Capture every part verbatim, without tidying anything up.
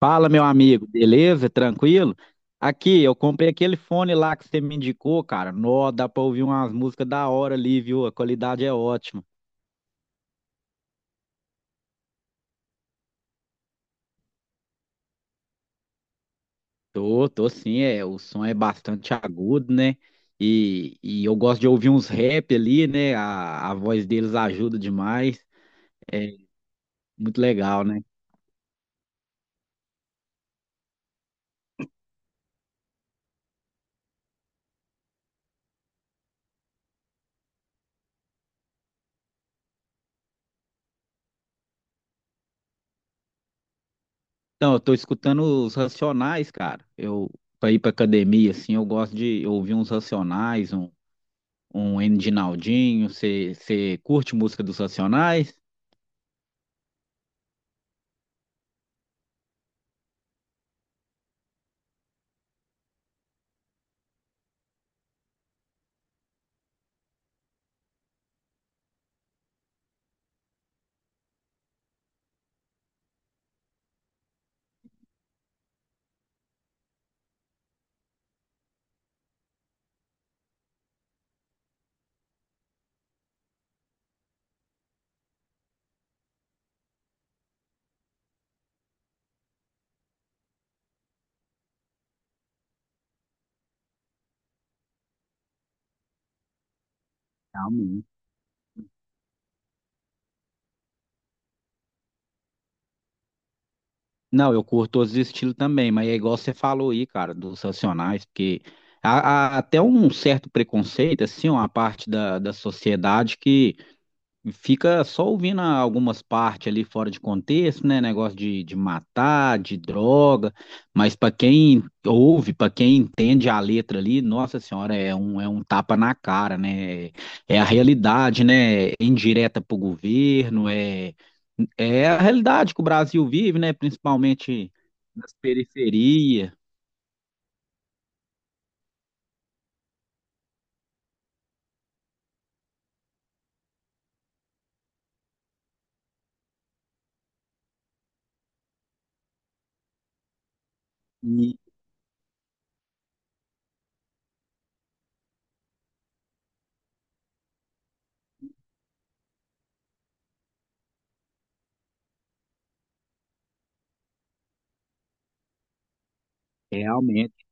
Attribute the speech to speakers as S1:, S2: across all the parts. S1: Fala, meu amigo, beleza? Tranquilo? Aqui, eu comprei aquele fone lá que você me indicou, cara. Nó, dá pra ouvir umas músicas da hora ali, viu? A qualidade é ótima. Tô, tô sim, é. O som é bastante agudo, né? E, e eu gosto de ouvir uns rap ali, né? A, a voz deles ajuda demais. É muito legal, né? Então, eu tô escutando os Racionais, cara. Eu, pra ir pra academia, assim, eu gosto de ouvir uns Racionais, um. um Edinaldinho, você curte música dos Racionais? Realmente. Não, eu curto todos os estilos também, mas é igual você falou aí, cara, dos Racionais, porque há, há até um certo preconceito, assim, uma parte da, da sociedade que fica só ouvindo algumas partes ali fora de contexto, né? Negócio de, de matar, de droga, mas para quem ouve, para quem entende a letra ali, nossa senhora, é um, é um tapa na cara, né? É a realidade, né? É indireta para o governo, é, é a realidade que o Brasil vive, né? Principalmente nas periferias. E realmente.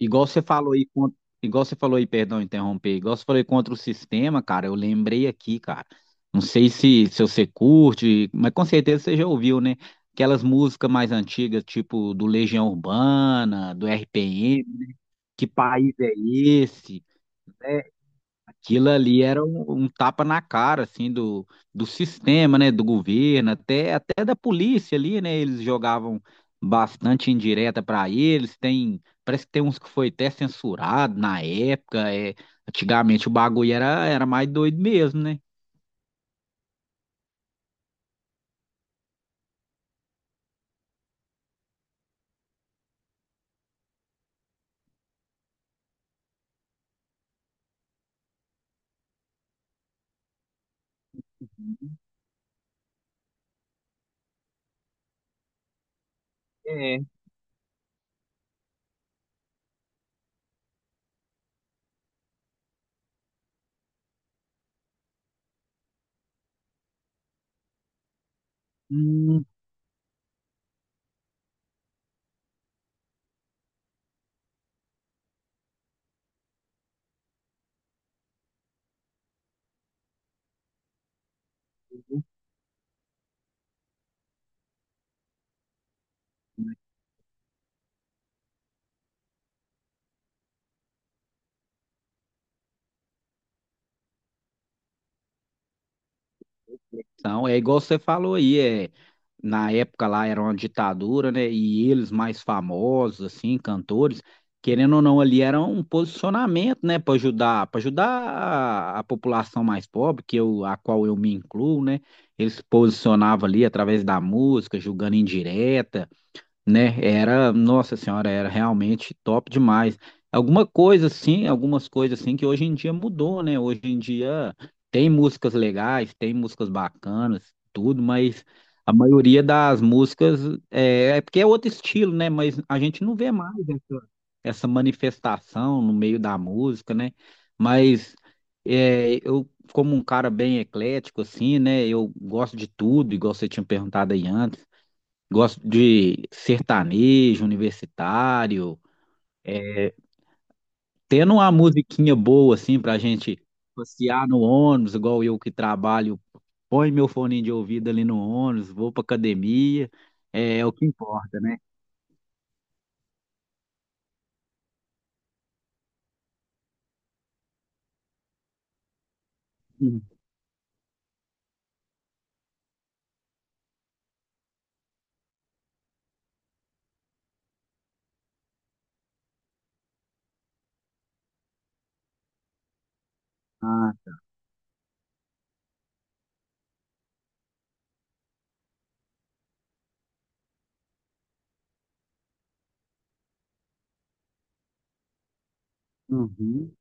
S1: Igual você falou aí, con- Igual você falou aí, perdão, interromper, igual você falou aí contra o sistema, cara, eu lembrei aqui, cara. Não sei se, se você curte, mas com certeza você já ouviu, né? Aquelas músicas mais antigas, tipo do Legião Urbana, do R P M, né? Que país é esse? É, aquilo ali era um, um tapa na cara, assim, do, do sistema, né, do governo, até, até da polícia ali, né, eles jogavam bastante indireta para eles, tem, parece que tem uns que foi até censurado na época, é, antigamente o bagulho era, era mais doido mesmo, né? É. Hum. Então, é igual você falou aí, é, na época lá era uma ditadura, né? E eles mais famosos, assim, cantores, querendo ou não, ali era um posicionamento, né, para ajudar, para ajudar a, a população mais pobre, que eu, a qual eu me incluo, né? Eles se posicionavam ali através da música, julgando indireta, né? Era, nossa senhora, era realmente top demais. Alguma coisa assim, algumas coisas assim que hoje em dia mudou, né? Hoje em dia tem músicas legais, tem músicas bacanas, tudo, mas a maioria das músicas é, é porque é outro estilo, né? Mas a gente não vê mais essa, essa manifestação no meio da música, né? Mas é, eu, como um cara bem eclético, assim, né? Eu gosto de tudo, igual você tinha perguntado aí antes. Gosto de sertanejo, universitário, é, tendo uma musiquinha boa assim pra gente passear no ônibus, igual eu que trabalho, põe meu fone de ouvido ali no ônibus, vou pra academia, é, é o que importa, né? Uhum. Ah, uhum.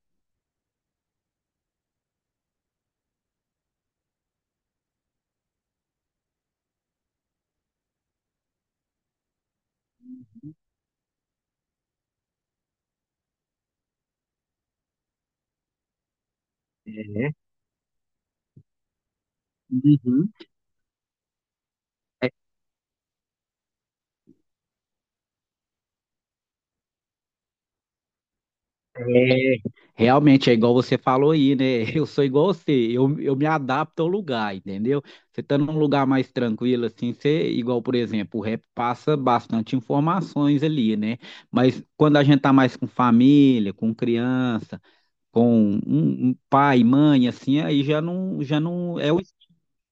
S1: É, uhum. É, realmente é igual você falou aí, né? Eu sou igual você, eu, eu me adapto ao lugar, entendeu? Você tá num lugar mais tranquilo, assim, você, igual, por exemplo, o rap passa bastante informações ali, né? Mas quando a gente tá mais com família, com criança, com um, um pai, mãe, assim, aí já não, já não é,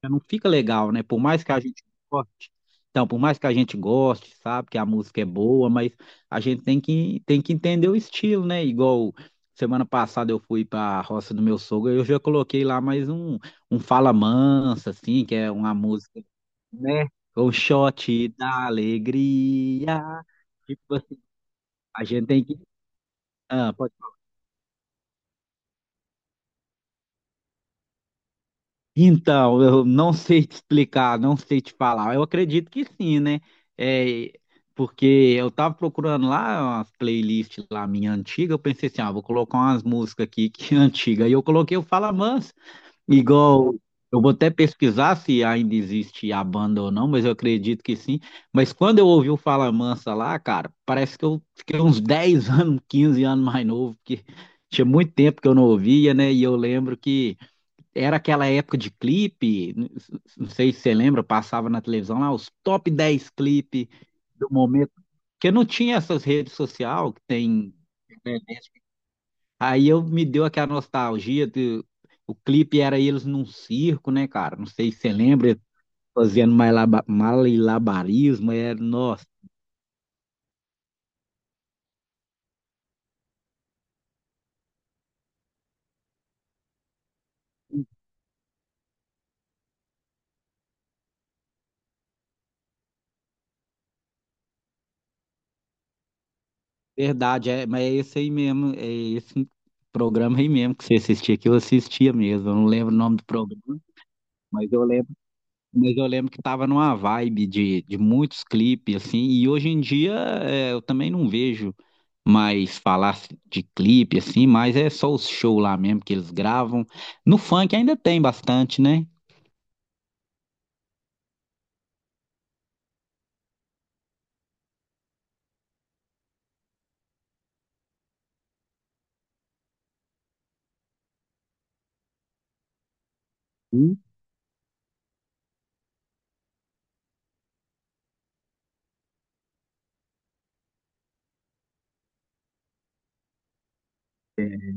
S1: já não fica legal, né? Por mais que a gente goste. Então, por mais que a gente goste, sabe, que a música é boa, mas a gente tem que, tem que entender o estilo, né? Igual semana passada eu fui para a roça do meu sogro, eu já coloquei lá mais um, um Fala Mansa, assim, que é uma música, né? Um shot da alegria. Tipo, a gente tem que. Ah, pode. Então, eu não sei te explicar, não sei te falar. Eu acredito que sim, né? É, porque eu tava procurando lá umas playlists lá minha antiga, eu pensei assim, ah, vou colocar umas músicas aqui que é antiga. E eu coloquei o Fala Mansa, igual, eu vou até pesquisar se ainda existe a banda ou não, mas eu acredito que sim. Mas quando eu ouvi o Fala Mansa lá, cara, parece que eu fiquei uns dez anos, quinze anos mais novo, porque tinha muito tempo que eu não ouvia, né? E eu lembro que era aquela época de clipe, n- não sei se você lembra, passava na televisão lá os top dez clipes do momento, porque não tinha essas redes sociais que tem, né? Aí eu me deu aquela nostalgia de, o clipe era eles num circo, né, cara? Não sei se você lembra, eles fazendo malaba- malabarismo, era, nossa, verdade, é, mas é esse aí mesmo, é esse programa aí mesmo que você assistia, que eu assistia mesmo, eu não lembro o nome do programa, mas eu lembro. Mas eu lembro que tava numa vibe de, de muitos clipes, assim, e hoje em dia é, eu também não vejo mais falar de clipe, assim, mas é só os shows lá mesmo que eles gravam. No funk ainda tem bastante, né? Sim. É,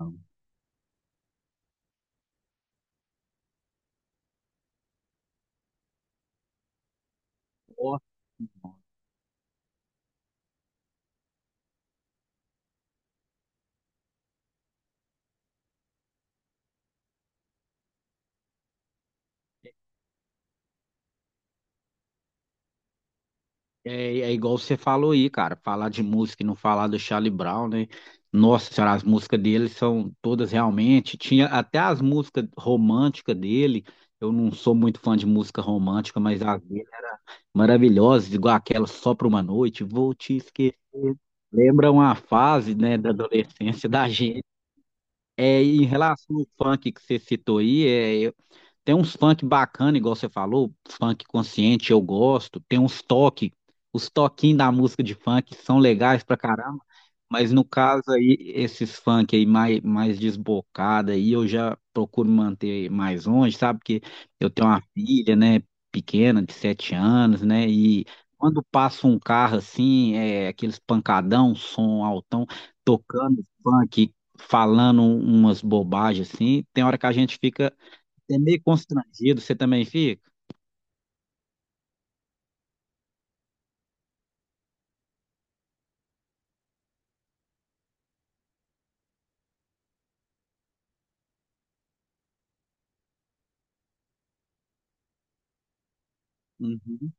S1: não. Nossa, é, é igual você falou aí, cara, falar de música e não falar do Charlie Brown, né? Nossa senhora, as músicas dele são todas realmente. Tinha até as músicas românticas dele. Eu não sou muito fã de música romântica, mas as dele era maravilhosas, igual aquela Só Pra Uma Noite, Vou Te Esquecer. Lembra uma fase, né, da adolescência da gente. É, e em relação ao funk que você citou aí, é, tem uns funk bacana, igual você falou, funk consciente, eu gosto. Tem uns toques, os toquinhos da música de funk são legais pra caramba. Mas no caso aí, esses funk aí mais, mais desbocado aí, eu já procuro manter mais longe, sabe? Porque eu tenho uma filha, né, pequena, de sete anos, né? E quando passa um carro assim, é, aqueles pancadão, som altão, tocando funk, falando um, umas bobagens assim, tem hora que a gente fica é meio constrangido, você também fica? Uhum.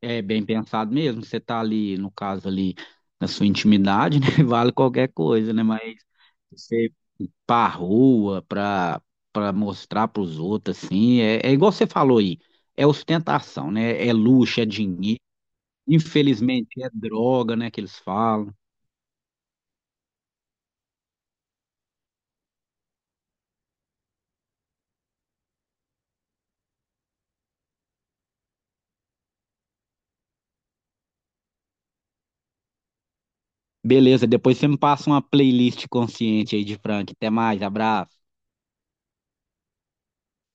S1: É bem pensado mesmo, você tá ali, no caso ali, na sua intimidade, né? Vale qualquer coisa, né? Mas você ir pra rua, pra, pra mostrar pros outros, assim, é, é igual você falou aí, é ostentação, né? É luxo, é dinheiro, infelizmente é droga, né, que eles falam. Beleza, depois você me passa uma playlist consciente aí de Frank. Até mais, abraço.